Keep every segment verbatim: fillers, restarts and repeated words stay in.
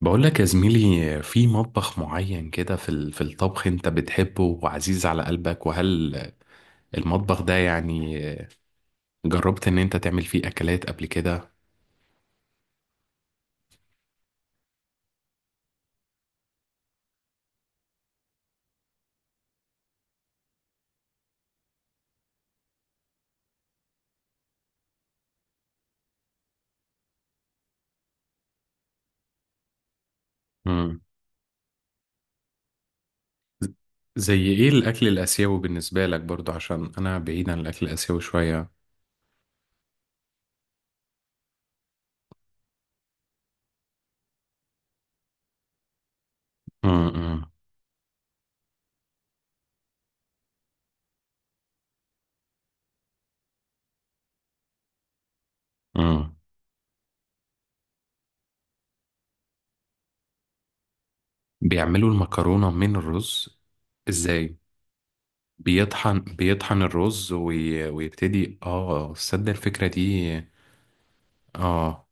بقول لك يا زميلي، في مطبخ معين كده، في ال- في الطبخ انت بتحبه وعزيز على قلبك، وهل المطبخ ده يعني جربت ان انت تعمل فيه اكلات قبل كده؟ مم. زي ايه الاكل الاسيوي بالنسبة لك برضو؟ عشان انا بعيد عن الاكل الاسيوي شوية. مم. مم. مم. بيعملوا المكرونة من الرز؟ ازاي؟ بيطحن بيطحن الرز وي... ويبتدي. اه تصدق الفكرة دي؟ اه.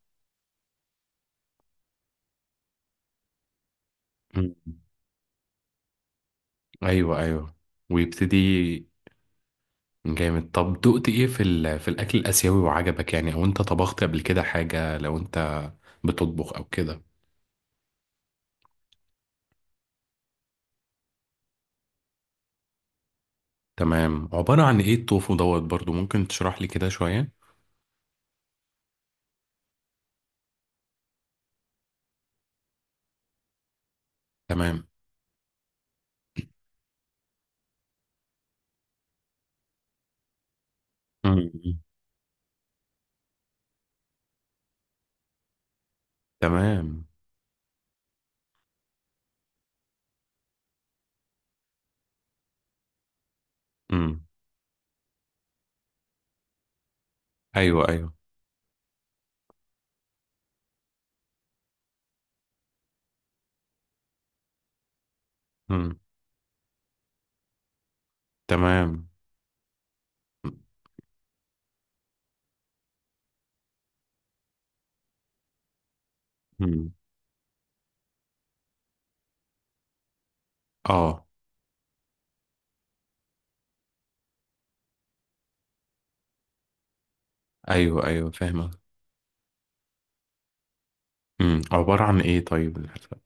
مم. ايوه، ايوه. ويبتدي. جامد. طب دقت ايه في ال... في الاكل الاسيوي وعجبك يعني؟ او انت طبخت قبل كده حاجه، لو انت بتطبخ او كده؟ تمام. عباره عن ايه التوفو دوت؟ برضو ممكن تشرح لي كده شويه. تمام. مم. تمام. مم. ايوه، ايوه. مم. تمام. مم. اه. ايوه، ايوه. فاهمه. مم. عباره عن ايه طيب الحرفة؟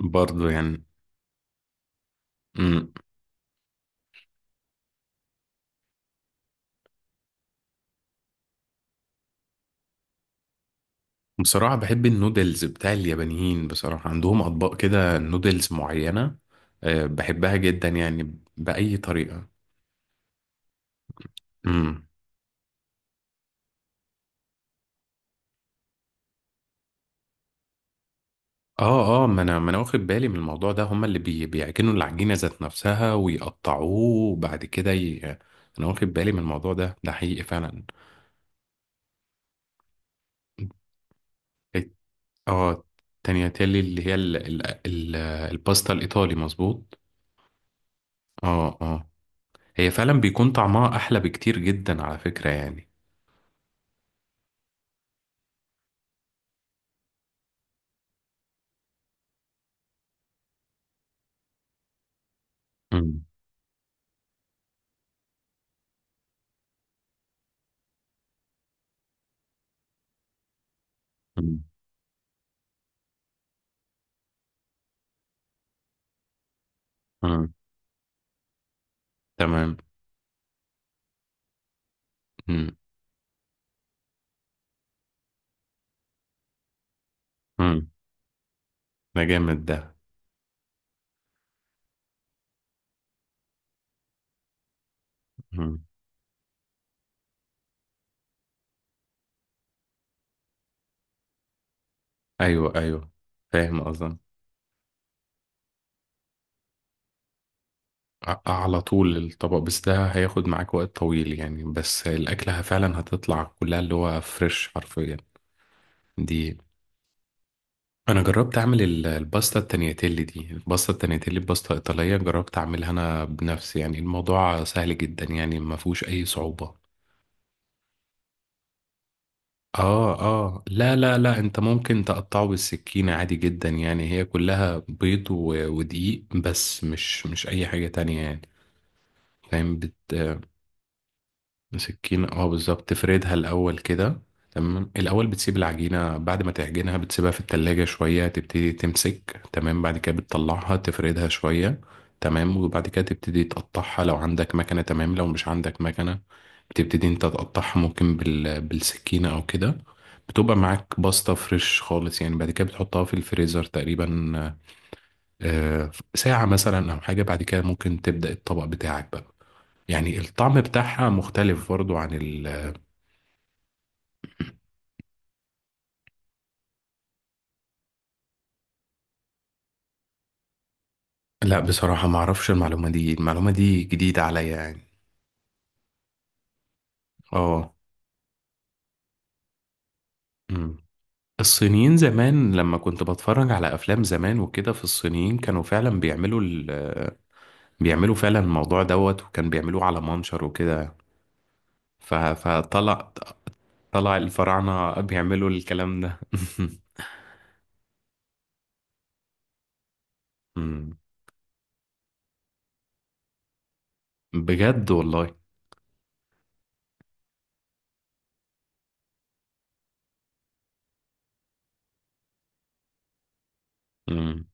برضو يعني. بصراحة بحب النودلز بتاع اليابانيين. بصراحة عندهم أطباق كده نودلز معينة، آه، بحبها جدا يعني، بأي طريقة. امم. اه، اه، ما انا ما انا واخد بالي من الموضوع ده. هما اللي بي بيعجنوا العجينة ذات نفسها ويقطعوه وبعد كده ي... انا واخد بالي من الموضوع ده. ده حقيقي فعلا. الت- اه تانياتيلي اللي هي ال... ال... ال... الباستا الإيطالي، مظبوط. اه، اه. هي فعلا بيكون طعمها أحلى بكتير جدا على فكرة يعني. امم. تمام. مم. مم. ده جامد ده. مم. ايوه، ايوه. فاهم قصدي. على طول الطبق، بس ده هياخد معاك وقت طويل يعني، بس الاكله فعلا هتطلع كلها اللي هو فريش حرفيا. دي. انا جربت اعمل ال- الباستا التانياتيلي دي. الباستا التانياتيلي باستا ايطاليه، جربت اعملها انا بنفسي يعني. الموضوع سهل جدا يعني، ما فيهوش اي صعوبه. اه، اه. لا، لا، لا، انت ممكن تقطعه بالسكينة عادي جدا يعني. هي كلها بيض و- ودقيق، بس مش مش اي حاجة تانية يعني. فاهم بت بسكينة، اه، بالظبط. تفردها الأول كده. تمام. الأول بتسيب العجينة، بعد ما تعجنها بتسيبها في التلاجة شوية تبتدي تمسك، تمام، بعد كده بتطلعها تفردها شوية. تمام. وبعد كده تبتدي تقطعها لو عندك مكنة. تمام. لو مش عندك مكنة، بتبتدي انت تقطعها، ممكن بال... بالسكينة أو كده. بتبقى معاك باستا فريش خالص يعني. بعد كده بتحطها في الفريزر تقريبا آه، ساعة مثلا أو حاجة. بعد كده ممكن تبدأ الطبق بتاعك بقى. يعني الطعم بتاعها مختلف برضو عن ال لا، بصراحة ما اعرفش المعلومة دي. المعلومة دي جديدة عليا يعني. اه. أمم. الصينيين زمان لما كنت بتفرج على افلام زمان وكده، في الصينيين كانوا فعلا بيعملوا ال... بيعملوا فعلا الموضوع دوت، وكان بيعملوه على منشر وكده. ف... فطلع، طلع الفراعنة بيعملوا الكلام ده أمم. بجد والله؟ أمم.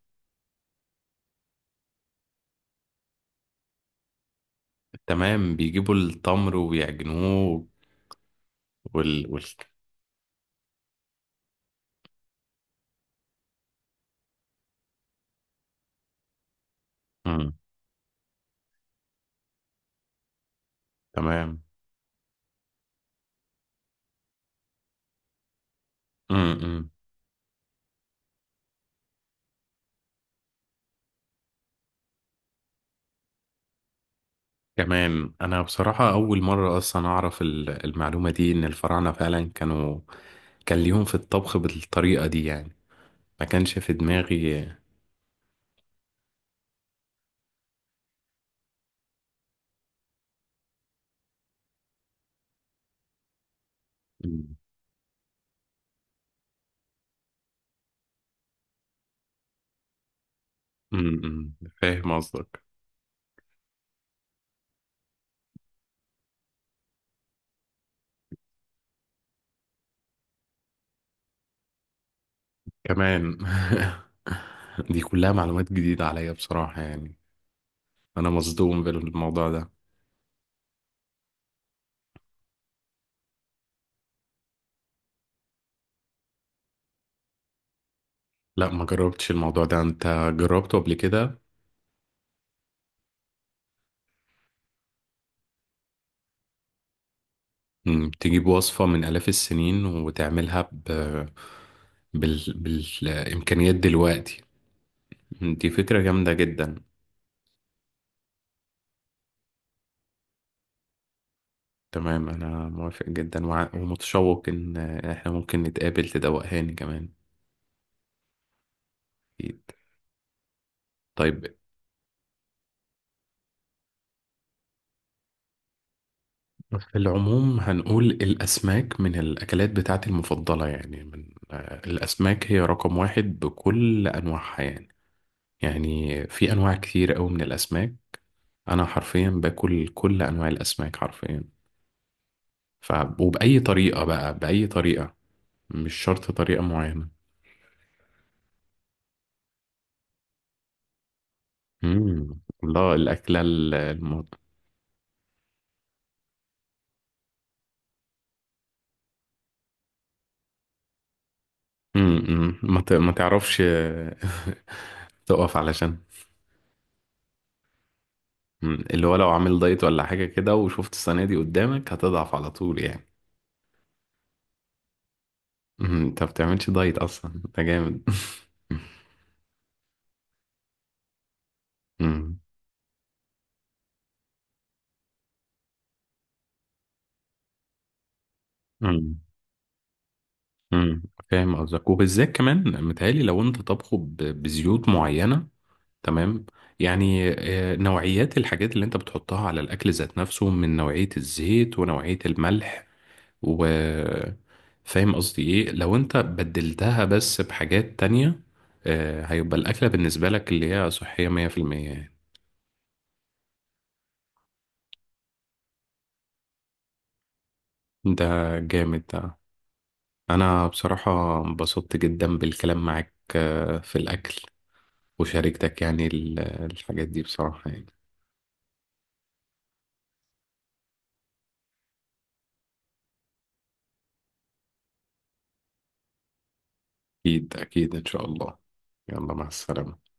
تمام. بيجيبوا التمر ويعجنوه وال, وال... أمم. تمام. أمم. كمان انا بصراحة اول مرة اصلا اعرف ال- المعلومة دي، ان الفراعنة فعلا كانوا كان ليهم في الطبخ بالطريقة دي يعني. ما كانش في دماغي. أمم. أمم. فاهم قصدك. كمان دي كلها معلومات جديدة عليا بصراحة يعني. انا مصدوم بالموضوع ده. لا، ما جربتش الموضوع ده. انت جربته قبل كده؟ أمم. تجيب وصفة من آلاف السنين وتعملها ب... بال... بالإمكانيات دلوقتي. أمم. دي فكرة جامدة جدا. تمام. أنا موافق جدا وع- ومتشوق إن إحنا ممكن نتقابل تدوقهاني كمان. أكيد. طيب، في العموم هنقول الأسماك من الأكلات بتاعتي المفضلة يعني، من آه، الأسماك هي رقم واحد بكل أنواعها يعني. يعني في أنواع كتير أوي من الأسماك. أنا حرفيا باكل كل أنواع الأسماك حرفيا. ف... وبأي طريقة بقى، بأي طريقة، مش شرط طريقة معينة. مم. الله، الأكلة. امم. ما ت- ما تعرفش تقف علشان. مم. اللي هو لو عامل دايت ولا حاجة كده، وشفت السنة دي قدامك، هتضعف على طول يعني. مم. انت ما بتعملش دايت اصلا؟ انت جامد. مم. مم. مم. فاهم قصدك. وبالذات كمان متهيألي لو انت طبخه ب- بزيوت معينة. تمام. يعني آه، نوعيات الحاجات اللي انت بتحطها على الاكل ذات نفسه، من نوعية الزيت ونوعية الملح و، فاهم قصدي ايه؟ لو انت بدلتها بس بحاجات تانية، آه، هيبقى الأكلة بالنسبة لك اللي هي صحية مية في المية يعني. ده جامد ده. أنا بصراحة انبسطت جدا بالكلام معاك آه، في الأكل، وشاركتك يعني ال- الحاجات دي بصراحة يعني. أكيد أكيد إن شاء الله. يلا، مع السلامة.